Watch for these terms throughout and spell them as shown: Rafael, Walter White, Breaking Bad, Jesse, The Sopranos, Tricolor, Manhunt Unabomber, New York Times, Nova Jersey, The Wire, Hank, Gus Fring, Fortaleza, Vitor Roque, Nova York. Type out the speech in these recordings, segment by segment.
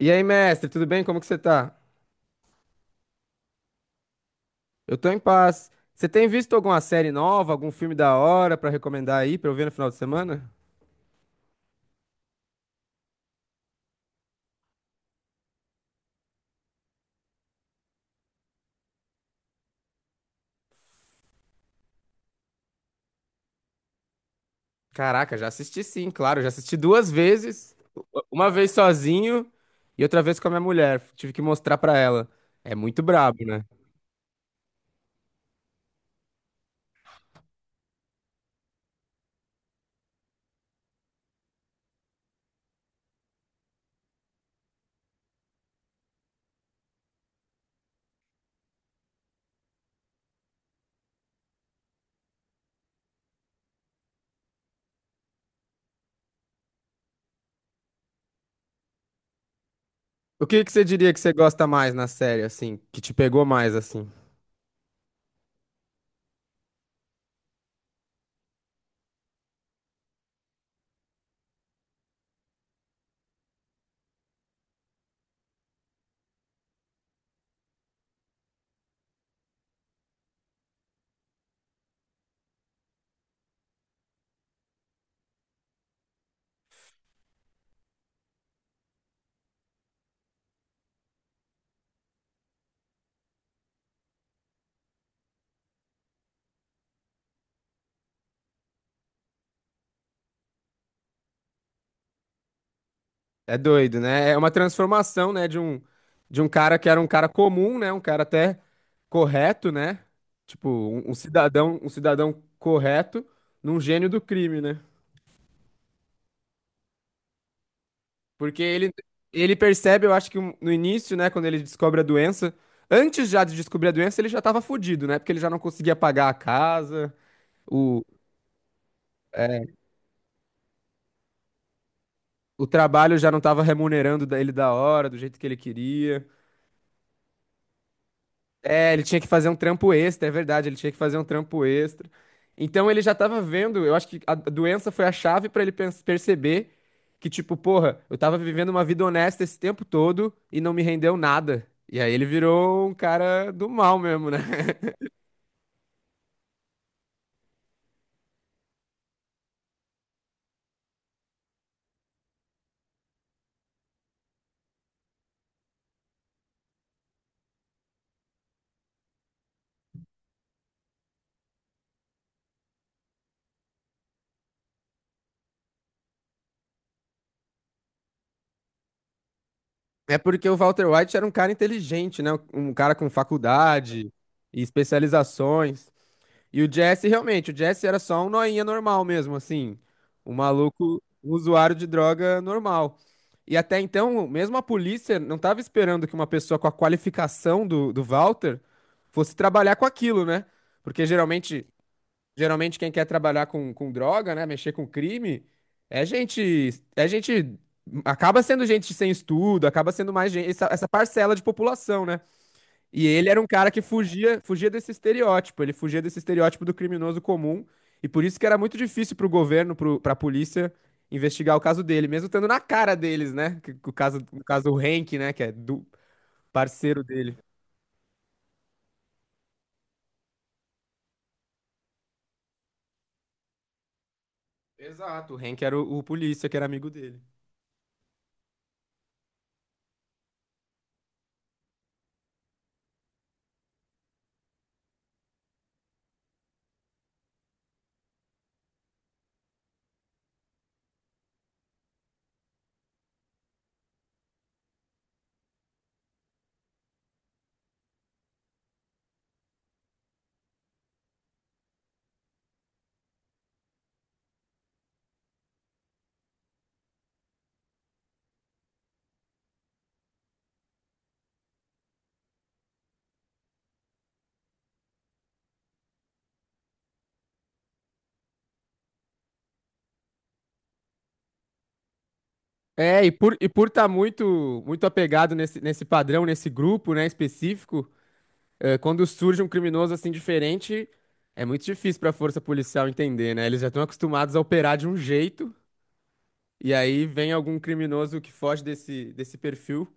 E aí, mestre, tudo bem? Como que você tá? Eu tô em paz. Você tem visto alguma série nova, algum filme da hora pra recomendar aí pra eu ver no final de semana? Caraca, já assisti sim, claro, já assisti duas vezes, uma vez sozinho e outra vez com a minha mulher. Tive que mostrar pra ela. É muito brabo, né? O que que você diria que você gosta mais na série, assim, que te pegou mais, assim? É doido, né? É uma transformação, né, de um cara que era um cara comum, né, um cara até correto, né? Tipo, um cidadão, um cidadão correto num gênio do crime, né? Porque ele percebe, eu acho que no início, né, quando ele descobre a doença, antes já de descobrir a doença, ele já tava fudido, né? Porque ele já não conseguia pagar a casa, o é, o trabalho já não tava remunerando ele da hora, do jeito que ele queria. É, ele tinha que fazer um trampo extra, é verdade, ele tinha que fazer um trampo extra. Então ele já tava vendo, eu acho que a doença foi a chave pra ele perceber que, tipo, porra, eu tava vivendo uma vida honesta esse tempo todo e não me rendeu nada. E aí ele virou um cara do mal mesmo, né? É porque o Walter White era um cara inteligente, né? Um cara com faculdade e especializações. E o Jesse, realmente, o Jesse era só um noinha normal mesmo, assim. Um maluco, um usuário de droga normal. E até então, mesmo a polícia não estava esperando que uma pessoa com a qualificação do Walter fosse trabalhar com aquilo, né? Porque geralmente quem quer trabalhar com droga, né? Mexer com crime, é gente, é gente, acaba sendo gente sem estudo, acaba sendo mais gente, essa parcela de população, né? E ele era um cara que fugia, fugia desse estereótipo, ele fugia desse estereótipo do criminoso comum, e por isso que era muito difícil pro governo, pra polícia, investigar o caso dele, mesmo estando na cara deles, né? Que o caso, o caso do Hank, né? Que é do parceiro dele. Exato, o Hank era o polícia, que era amigo dele. É, e por tá muito apegado nesse padrão, nesse grupo, né, específico, é, quando surge um criminoso assim diferente, é muito difícil para a força policial entender, né? Eles já estão acostumados a operar de um jeito, e aí vem algum criminoso que foge desse perfil,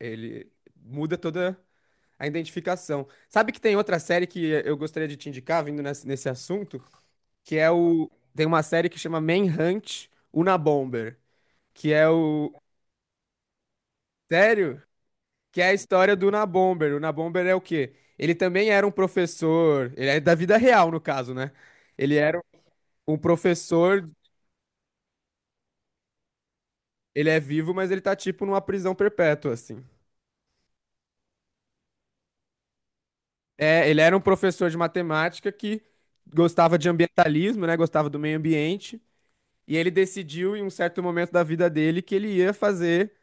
ele muda toda a identificação. Sabe que tem outra série que eu gostaria de te indicar, vindo nesse assunto, que é o. Tem uma série que chama Manhunt Unabomber, que é o. Sério? Que é a história do Unabomber. O Unabomber é o quê? Ele também era um professor, ele é da vida real, no caso, né? Ele era um professor, ele é vivo, mas ele tá tipo numa prisão perpétua, assim. É, ele era um professor de matemática que gostava de ambientalismo, né? Gostava do meio ambiente. E ele decidiu, em um certo momento da vida dele, que ele ia fazer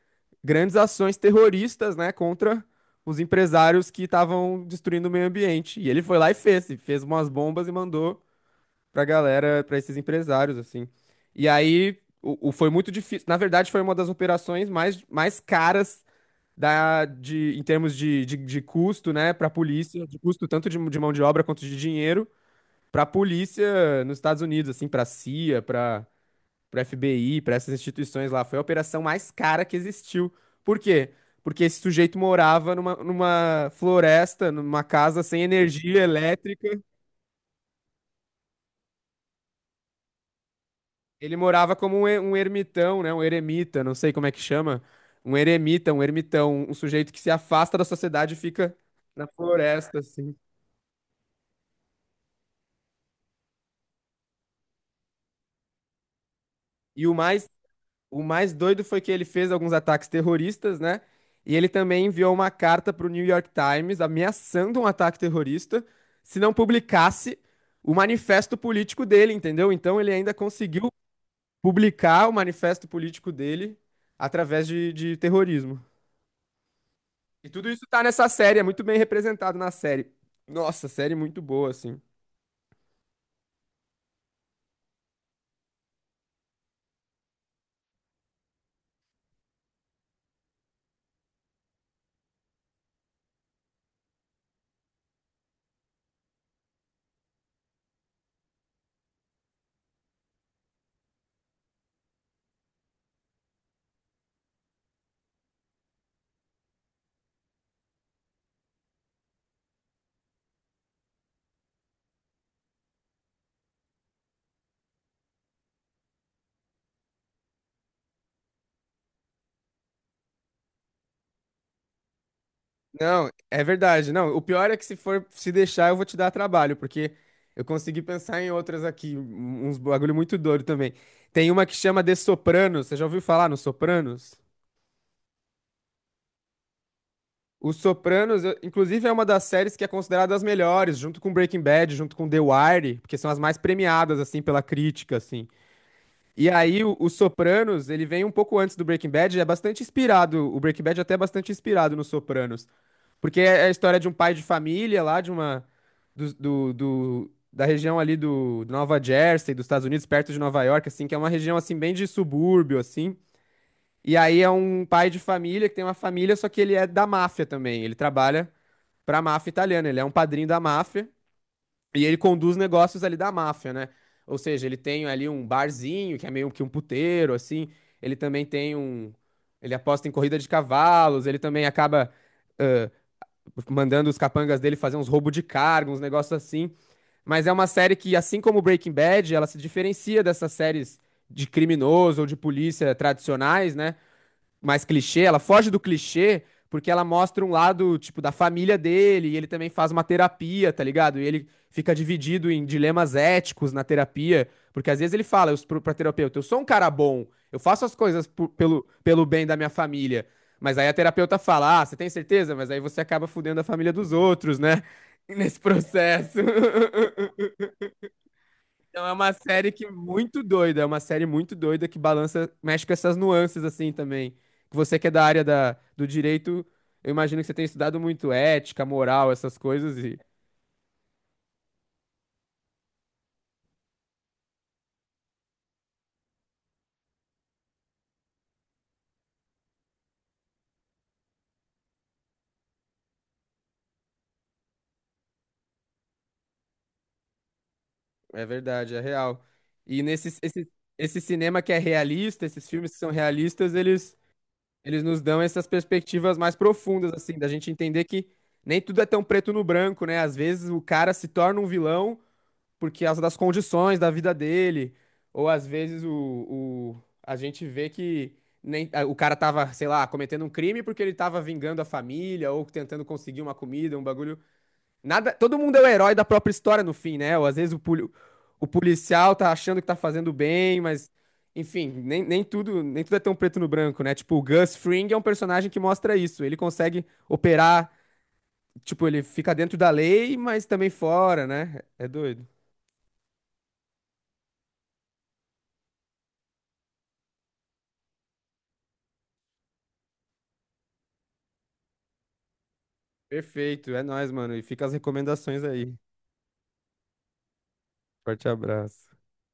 grandes ações terroristas, né? Contra os empresários que estavam destruindo o meio ambiente. E ele foi lá e fez. Fez umas bombas e mandou pra galera, pra esses empresários, assim. E aí foi muito difícil. Na verdade, foi uma das operações mais caras em termos de custo, né, para a polícia, de custo tanto de mão de obra quanto de dinheiro, para a polícia nos Estados Unidos, assim, para a CIA, para FBI, para essas instituições lá. Foi a operação mais cara que existiu. Por quê? Porque esse sujeito morava numa, numa floresta, numa casa sem energia elétrica. Ele morava como um, um ermitão, né? Um eremita, não sei como é que chama. Um eremita, um ermitão, um sujeito que se afasta da sociedade e fica na floresta, assim. E o mais O mais doido foi que ele fez alguns ataques terroristas, né? E ele também enviou uma carta para o New York Times ameaçando um ataque terrorista se não publicasse o manifesto político dele, entendeu? Então ele ainda conseguiu publicar o manifesto político dele através de terrorismo. E tudo isso tá nessa série, é muito bem representado na série. Nossa, série muito boa, assim. Não, é verdade. Não, o pior é que se for se deixar, eu vou te dar trabalho, porque eu consegui pensar em outras aqui, uns bagulho muito doido também. Tem uma que chama The Sopranos. Você já ouviu falar no Sopranos? O Sopranos, inclusive, é uma das séries que é considerada as melhores, junto com Breaking Bad, junto com The Wire, porque são as mais premiadas, assim, pela crítica, assim. E aí, o Sopranos, ele vem um pouco antes do Breaking Bad, é bastante inspirado, o Breaking Bad até é bastante inspirado no Sopranos. Porque é a história de um pai de família lá, de uma. Da região ali do Nova Jersey, dos Estados Unidos, perto de Nova York, assim, que é uma região assim bem de subúrbio, assim. E aí é um pai de família que tem uma família, só que ele é da máfia também. Ele trabalha pra máfia italiana, ele é um padrinho da máfia e ele conduz negócios ali da máfia, né? Ou seja, ele tem ali um barzinho, que é meio que um puteiro, assim. Ele também tem um. Ele aposta em corrida de cavalos, ele também acaba mandando os capangas dele fazer uns roubos de cargo, uns negócios assim. Mas é uma série que, assim como Breaking Bad, ela se diferencia dessas séries de criminoso ou de polícia tradicionais, né? Mais clichê, ela foge do clichê porque ela mostra um lado, tipo, da família dele, e ele também faz uma terapia, tá ligado? E ele fica dividido em dilemas éticos na terapia, porque às vezes ele fala eu, pra terapeuta, eu sou um cara bom, eu faço as coisas pelo, pelo bem da minha família. Mas aí a terapeuta fala, ah, você tem certeza? Mas aí você acaba fudendo a família dos outros, né? Nesse processo. Então é uma série que muito doida, é uma série muito doida que balança, mexe com essas nuances assim também. Que você que é da área do direito, eu imagino que você tem estudado muito ética, moral, essas coisas e é verdade, é real. E nesse esse, esse cinema que é realista, esses filmes que são realistas, eles nos dão essas perspectivas mais profundas assim, da gente entender que nem tudo é tão preto no branco, né? Às vezes o cara se torna um vilão por causa das condições da vida dele, ou às vezes a gente vê que nem, o cara tava, sei lá, cometendo um crime porque ele tava vingando a família ou tentando conseguir uma comida, um bagulho. Nada, todo mundo é o herói da própria história no fim, né? Ou às vezes o policial tá achando que tá fazendo bem, mas enfim, nem tudo é tão preto no branco, né? Tipo, o Gus Fring é um personagem que mostra isso. Ele consegue operar, tipo, ele fica dentro da lei, mas também fora, né? É doido. Perfeito, é nóis, mano. E fica as recomendações aí. Forte abraço.